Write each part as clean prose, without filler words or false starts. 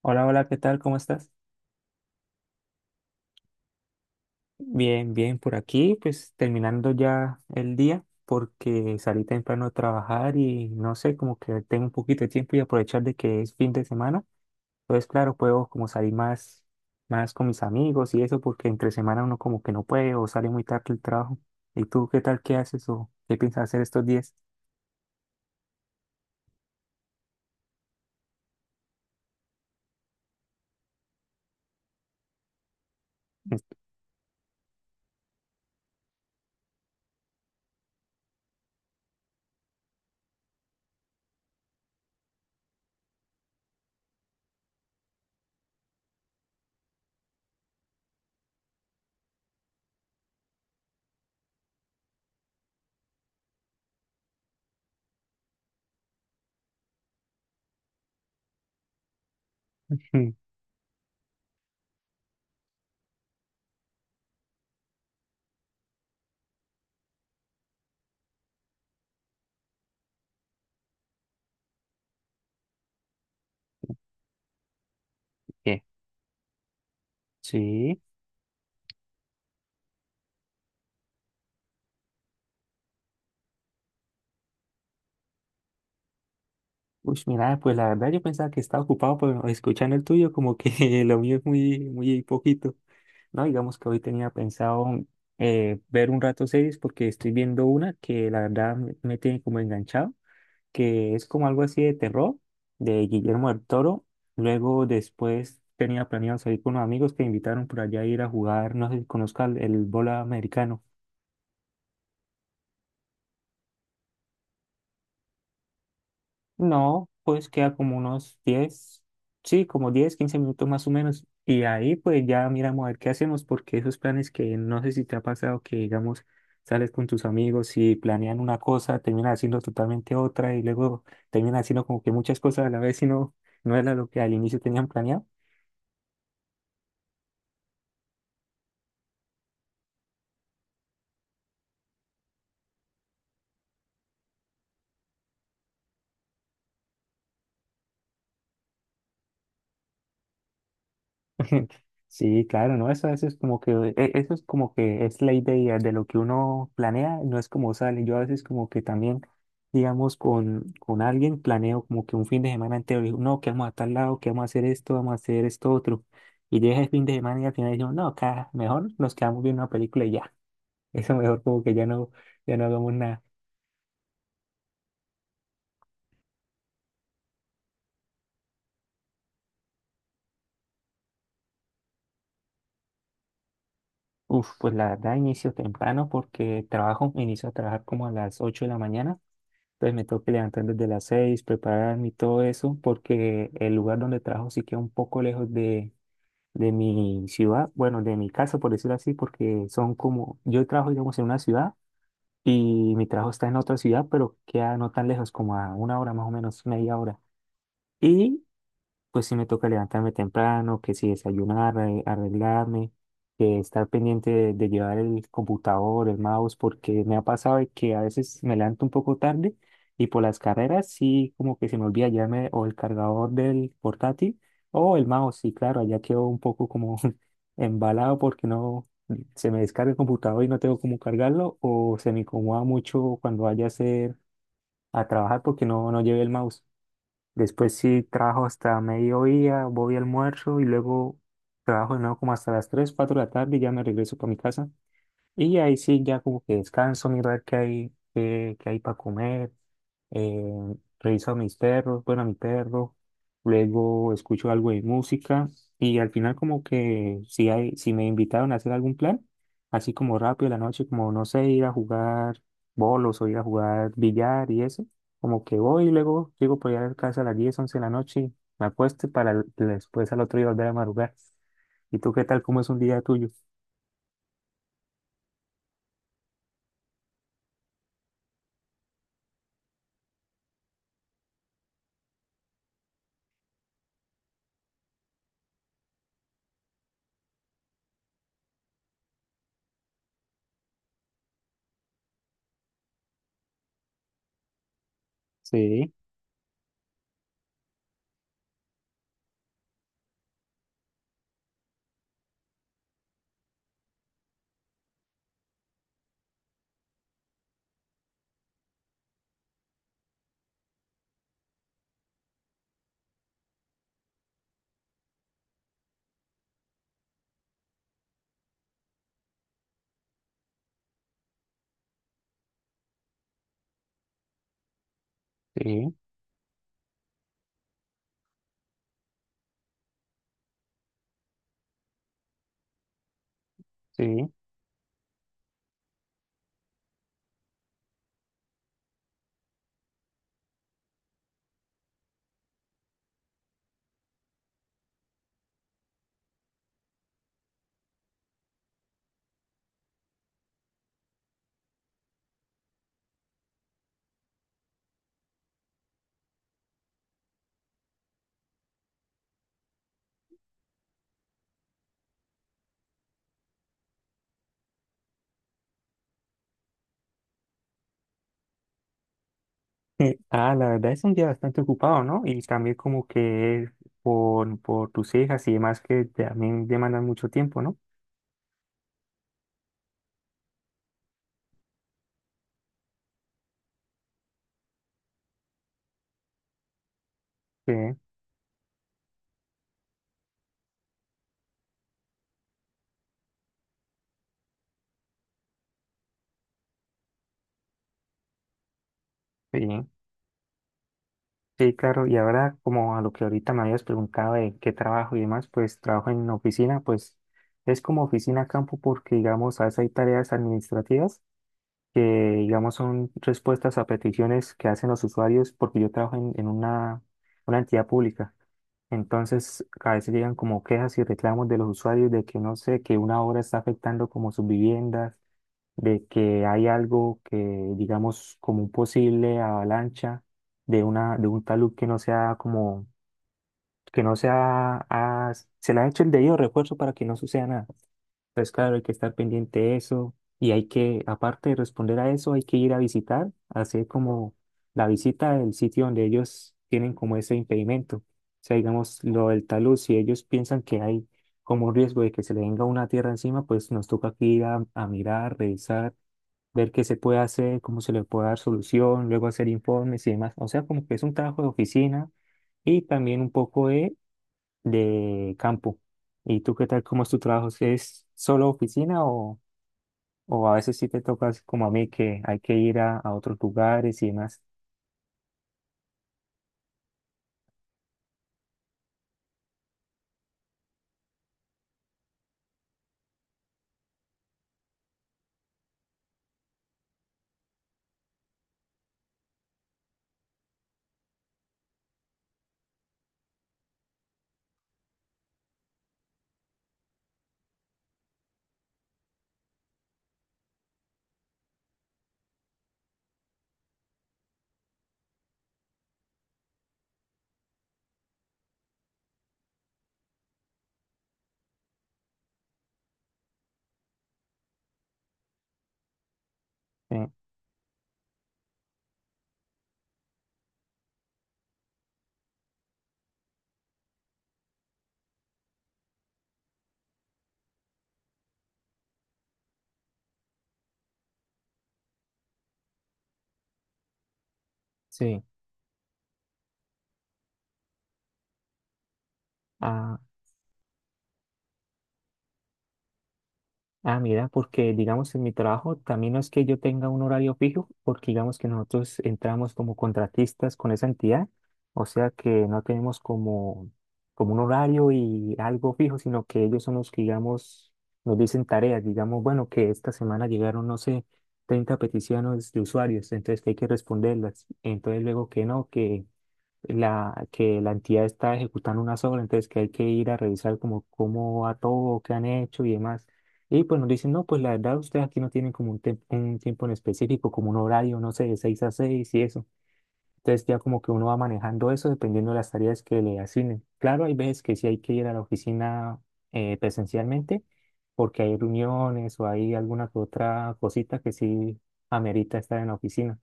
Hola, hola, ¿qué tal? ¿Cómo estás? Bien, bien, por aquí, pues terminando ya el día porque salí temprano a trabajar y no sé, como que tengo un poquito de tiempo y aprovechar de que es fin de semana. Entonces, claro, puedo como salir más, más con mis amigos y eso porque entre semana uno como que no puede o sale muy tarde el trabajo. ¿Y tú qué tal? ¿Qué haces o qué piensas hacer estos días? ¿Qué? Sí. Uy, mira, pues la verdad yo pensaba que estaba ocupado, pero escuchando el tuyo como que lo mío es muy, muy poquito. No, digamos que hoy tenía pensado ver un rato series porque estoy viendo una que la verdad me tiene como enganchado, que es como algo así de terror de Guillermo del Toro. Luego después tenía planeado salir con unos amigos que me invitaron por allá a ir a jugar, no sé si conozcas el bola americano. No, pues queda como unos 10, sí, como 10, 15 minutos más o menos. Y ahí pues ya miramos a ver qué hacemos, porque esos planes que no sé si te ha pasado que digamos sales con tus amigos y planean una cosa, terminan haciendo totalmente otra y luego terminan haciendo como que muchas cosas a la vez y no, no era lo que al inicio tenían planeado. Sí, claro, ¿no? Eso es como que, eso es como que es la idea de lo que uno planea, no es como sale. Yo a veces como que también, digamos, con alguien planeo como que un fin de semana entero, digo, no, que vamos a tal lado, que vamos a hacer esto, vamos a hacer esto otro. Y llega el fin de semana y al final digo, no, acá mejor nos quedamos viendo una película y ya. Eso mejor como que ya no, ya no hagamos nada. Uf, pues la verdad inicio temprano porque trabajo, inicio a trabajar como a las 8 de la mañana. Entonces me tengo que levantar desde las seis, prepararme y todo eso, porque el lugar donde trabajo sí queda un poco lejos de mi ciudad, bueno, de mi casa, por decirlo así, porque son como, yo trabajo, digamos, en una ciudad y mi trabajo está en otra ciudad, pero queda no tan lejos, como a una hora más o menos, media hora. Y pues sí me toca levantarme temprano, que si desayunar, arreglarme, que estar pendiente de llevar el computador, el mouse, porque me ha pasado de que a veces me levanto un poco tarde y por las carreras sí como que se me olvida llevarme o el cargador del portátil o el mouse, y claro, allá quedo un poco como embalado porque no se me descarga el computador y no tengo cómo cargarlo o se me incomoda mucho cuando vaya a hacer a trabajar porque no, no llevé el mouse. Después sí trabajo hasta mediodía, voy al almuerzo y luego trabajo de nuevo como hasta las 3 4 de la tarde y ya me regreso para mi casa. Y ahí sí, ya como que descanso, mirar qué hay, qué, qué hay para comer. Reviso a mis perros, bueno, a mi perro. Luego escucho algo de música. Y al final como que si hay, si me invitaron a hacer algún plan, así como rápido de la noche, como no sé, ir a jugar bolos o ir a jugar billar y eso. Como que voy y luego llego por allá a casa a las 10 11 de la noche, me acuesto y para después al otro día volver a madrugar. ¿Y tú qué tal? ¿Cómo es un día tuyo? Sí, sí, sí. Ah, la verdad es un día bastante ocupado, ¿no? Y también como que es por tus hijas y demás que también demandan mucho tiempo, ¿no? Sí, sí, sí, claro. Y ahora como a lo que ahorita me habías preguntado de qué trabajo y demás, pues trabajo en oficina, pues es como oficina campo porque digamos a veces hay tareas administrativas que digamos son respuestas a peticiones que hacen los usuarios porque yo trabajo en una entidad pública. Entonces, a veces llegan como quejas y reclamos de los usuarios de que no sé, que una obra está afectando como sus viviendas, de que hay algo que, digamos, como un posible avalancha de una, de un talud que no sea como que no sea, ah, se le ha hecho el debido refuerzo para que no suceda nada. Entonces, claro, hay que estar pendiente de eso y hay que, aparte de responder a eso, hay que ir a visitar, hacer como la visita del sitio donde ellos tienen como ese impedimento. O sea, digamos, lo del talud, si ellos piensan que hay como un riesgo de que se le venga una tierra encima, pues nos toca aquí ir a mirar, revisar, ver qué se puede hacer, cómo se le puede dar solución, luego hacer informes y demás. O sea, como que es un trabajo de oficina y también un poco de campo. ¿Y tú qué tal? ¿Cómo es tu trabajo? ¿Es solo oficina o a veces sí te tocas como a mí que hay que ir a otros lugares y demás? Eh, Sí. Ah, mira, porque digamos en mi trabajo también no es que yo tenga un horario fijo, porque digamos que nosotros entramos como contratistas con esa entidad, o sea que no tenemos como, como un horario y algo fijo, sino que ellos son los que, digamos, nos dicen tareas, digamos, bueno, que esta semana llegaron, no sé, 30 peticiones de usuarios, entonces que hay que responderlas, entonces luego que no, que la entidad está ejecutando una obra, entonces que hay que ir a revisar como cómo va todo, qué han hecho y demás. Y pues nos dicen, no, pues la verdad ustedes aquí no tienen como un, un tiempo en específico, como un horario, no sé, de seis a 6 y eso. Entonces ya como que uno va manejando eso dependiendo de las tareas que le asignen. Claro, hay veces que sí hay que ir a la oficina presencialmente porque hay reuniones o hay alguna que otra cosita que sí amerita estar en la oficina.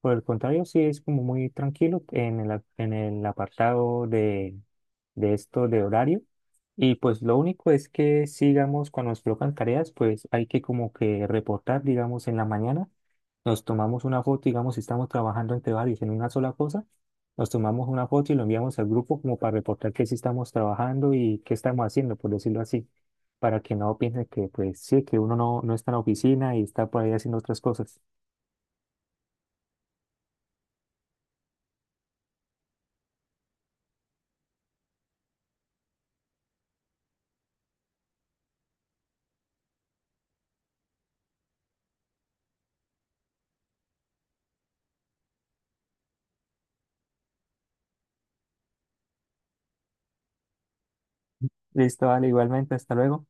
Por el contrario, sí es como muy tranquilo en el, en el apartado de esto de horario. Y pues lo único es que sigamos cuando nos colocan tareas, pues hay que como que reportar, digamos, en la mañana nos tomamos una foto, digamos, si estamos trabajando entre varios en una sola cosa, nos tomamos una foto y lo enviamos al grupo como para reportar que sí estamos trabajando y qué estamos haciendo, por decirlo así, para que no piensen que, pues sí, que uno no, no está en la oficina y está por ahí haciendo otras cosas. Listo, vale, igualmente, hasta luego.